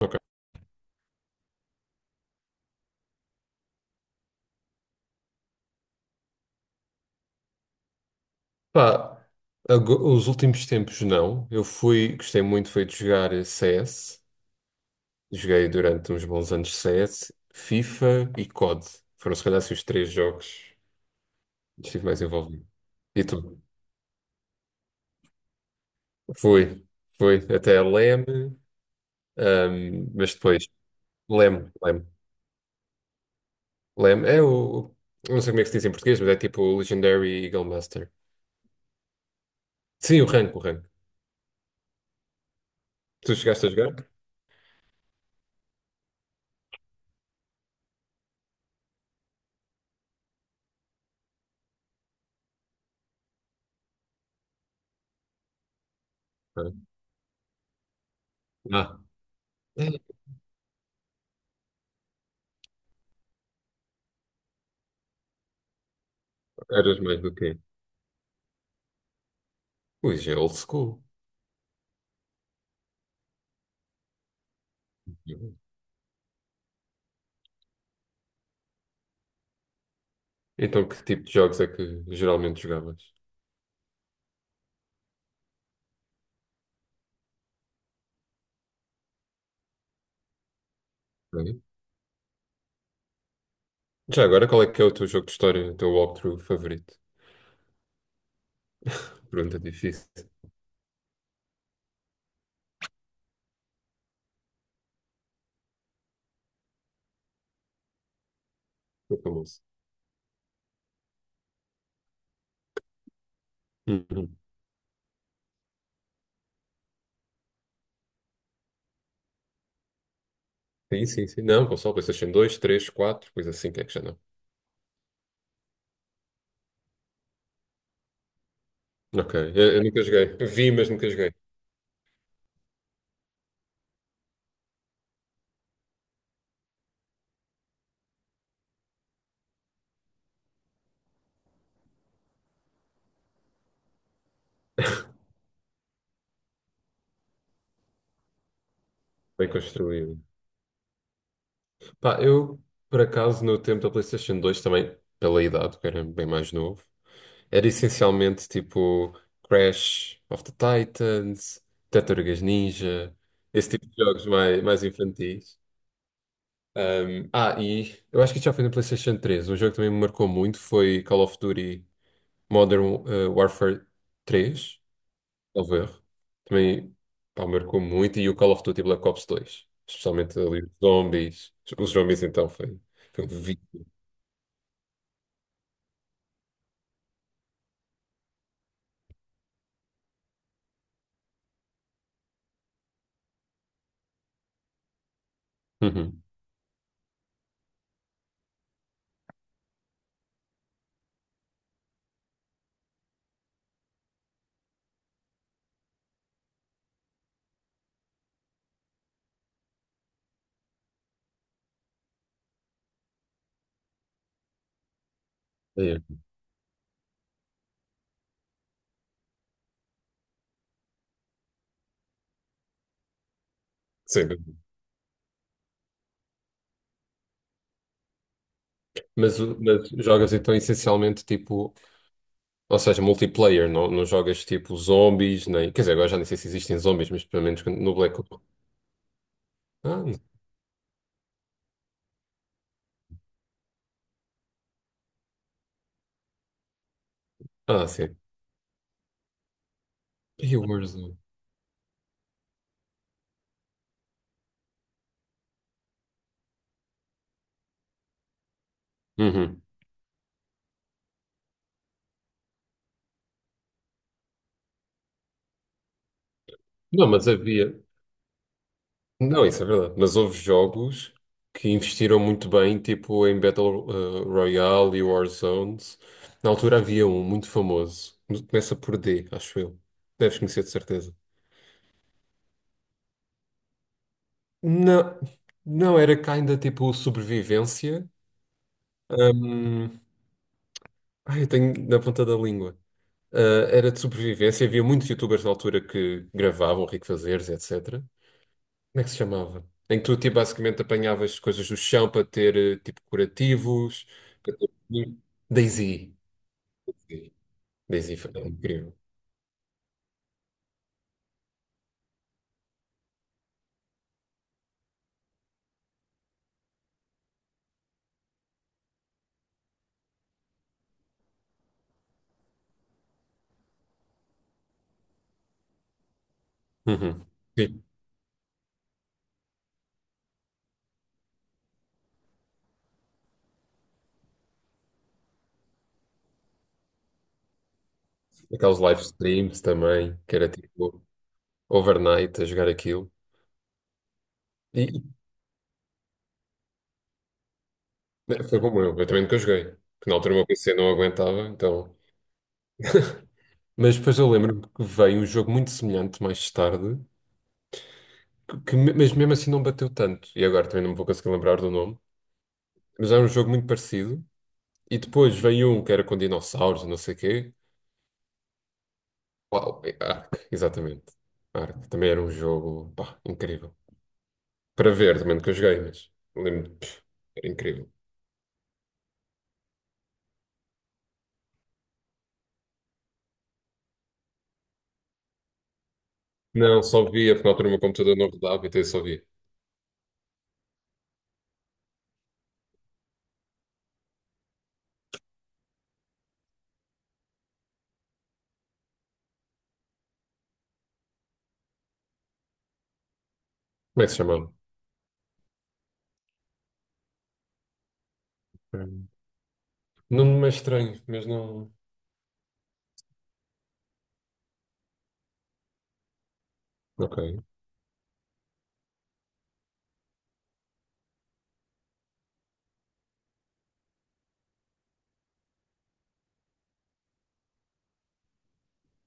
Ok. Pá, os últimos tempos não. Eu fui, gostei muito foi de jogar CS. Joguei durante uns bons anos CS, FIFA e COD. Foram se calhar assim, os três jogos que estive mais envolvido. E tu? Fui, fui até a LEM, mas depois LEM, LEM, LEM é o, eu não sei como é que se diz em português, mas é tipo o Legendary Eagle Master. Sim, o rank, o rank. Tu chegaste a jogar? Ah, ah, eras mais do que eu. Ui, já é old school. Então, que tipo de jogos é que geralmente jogavas? Bem, já agora, qual é que é o teu jogo de história, o teu walkthrough favorito? Pergunta difícil, o famoso. Uhum. Sim, sim, sim. Não, console, PlayStation 2, 3, 4, coisa assim, que é que já não. Ok, eu nunca joguei. Vi, mas nunca joguei. Bem construído. Pá, eu, por acaso, no tempo da PlayStation 2 também, pela idade, que era bem mais novo, era essencialmente tipo Crash of the Titans, Tartarugas Ninja, esse tipo de jogos mais infantis. E eu acho que isso já foi no PlayStation 3. Um jogo que também me marcou muito foi Call of Duty Modern Warfare 3, salvo erro. Também, pá, marcou muito. E o Call of Duty Black Ops 2, especialmente ali os zombies. Os zombies então foi um vício. Uhum. É. Sim. Mas, mas jogas então essencialmente tipo, ou seja, multiplayer, não jogas tipo zombies, nem. Quer dizer, agora já nem sei se existem zombies, mas pelo menos no Black Ops. Ah, não. Ah, sim. E o Warzone. Não, mas havia. Não, isso é verdade. Mas houve jogos que investiram muito bem, tipo em Battle Royale e Warzones. Na altura havia um muito famoso. Começa por D, acho eu. Deves conhecer de certeza. Não, não, era cá ainda tipo sobrevivência. Hum, ai, eu tenho na ponta da língua. Ah, era de sobrevivência. Havia muitos youtubers na altura que gravavam, Rico Fazeres, etc. Como é que se chamava? Em que tu tipo, basicamente apanhavas coisas do chão para ter tipo curativos, para ter. Daisy. Sim. Daisy foi incrível. Uhum. Sim, aqueles live streams também, que era tipo overnight a jogar aquilo. E e foi como eu também nunca joguei, porque na altura o meu PC não aguentava, então. Mas depois eu lembro-me que veio um jogo muito semelhante mais tarde, mas mesmo assim não bateu tanto. E agora também não me vou conseguir lembrar do nome, mas era um jogo muito parecido. E depois veio um que era com dinossauros, não sei o quê. Uau, é Ark, exatamente. Ark também era um jogo, pá, incrível. Para ver, também nunca joguei, mas lembro, pff, era incrível. Não, só via, porque na altura o meu computador não rodava, então eu só via. Como é que se chamava? Hum. Nome é estranho, mas não. Ok.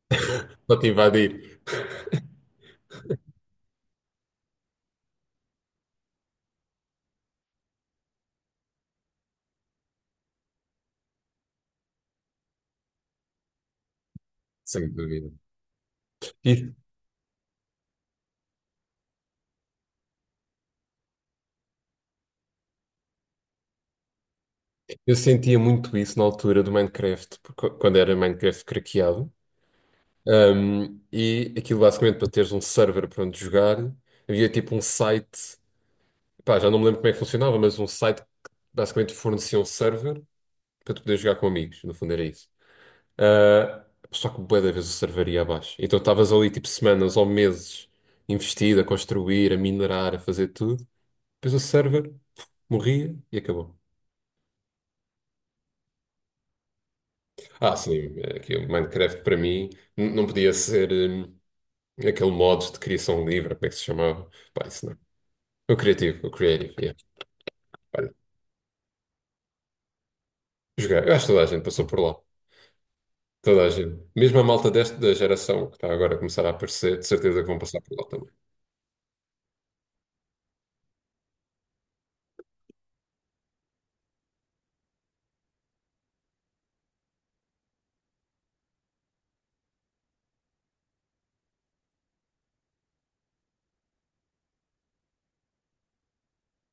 Só te invadir. Sem dúvida. E eu sentia muito isso na altura do Minecraft, porque quando era Minecraft craqueado. E aquilo basicamente para teres um server para onde jogar, havia tipo um site, pá, já não me lembro como é que funcionava, mas um site que basicamente fornecia um server para tu poderes jogar com amigos, no fundo era isso. Ah, só que bué da vez o server ia abaixo. Então estavas ali tipo semanas ou meses investido a construir, a minerar, a fazer tudo. Depois o server, puf, morria e acabou. Ah, sim, aqui o Minecraft para mim não podia ser aquele modo de criação livre, como é que se chamava? Pá, isso não. O criativo, o creative, yeah. Olha, jogar. Eu acho que toda a gente passou por lá. Toda a gente. Mesmo a malta desta da geração que está agora a começar a aparecer, de certeza que vão passar por lá também.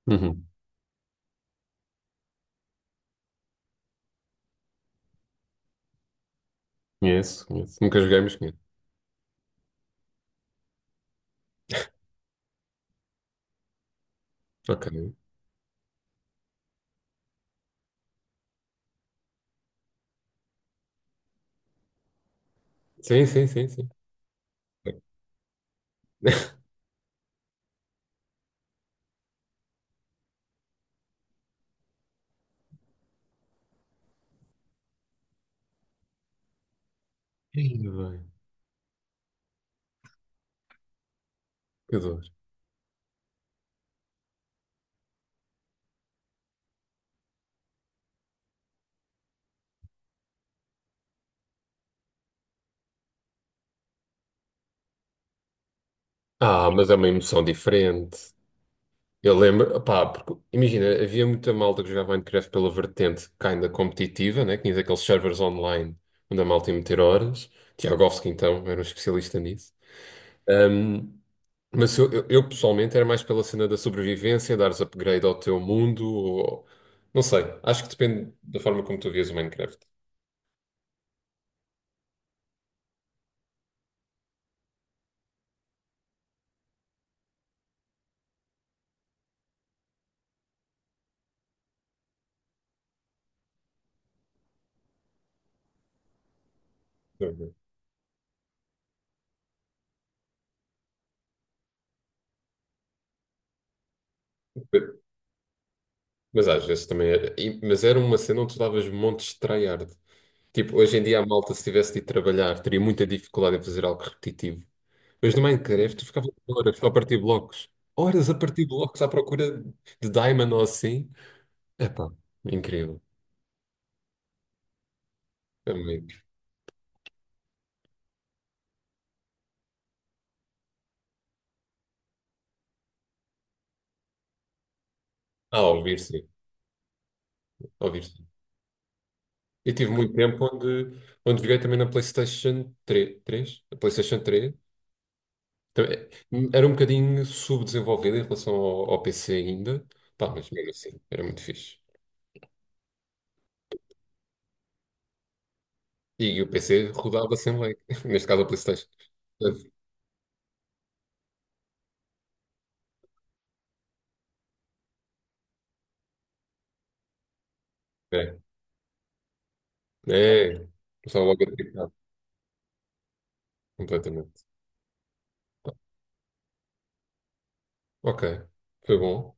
Uhum. Conheço, conheço. Nunca joguei, mas conheço. Ok. Sim, sim, sim, sim. Ih, bem, que dor. Ah, mas é uma emoção diferente. Eu lembro, pá, porque imagina, havia muita malta que jogava Minecraft pela vertente kinda competitiva, né? Tinhas aqueles servers online onde a malta ia meter horas. Tiagovski, então, era um especialista nisso. Ahm, mas eu pessoalmente era mais pela cena da sobrevivência, dares upgrade ao teu mundo, ou não sei, acho que depende da forma como tu vias o Minecraft. Uhum. Mas às vezes também era. Mas era uma cena onde tu davas montes de tryhard. Tipo, hoje em dia a malta, se tivesse de ir trabalhar, teria muita dificuldade em fazer algo repetitivo. Mas no Minecraft eu ficava horas só a partir blocos. Horas a partir blocos à procura de diamond ou assim. Epá, incrível. Também. Ah, ouvir sim. Ouvir sim. Eu tive muito tempo onde joguei também na PlayStation 3. Também- Era um bocadinho subdesenvolvida em relação ao PC ainda. Pá, mas mesmo assim, era muito fixe. E o PC rodava sem lag. Neste caso a PlayStation. É. É. Começava logo a tricar completamente. Ok. Foi bom.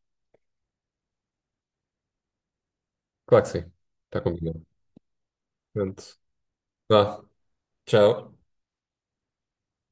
Claro que sim. Está combinado. Pronto. Vá. Tchau.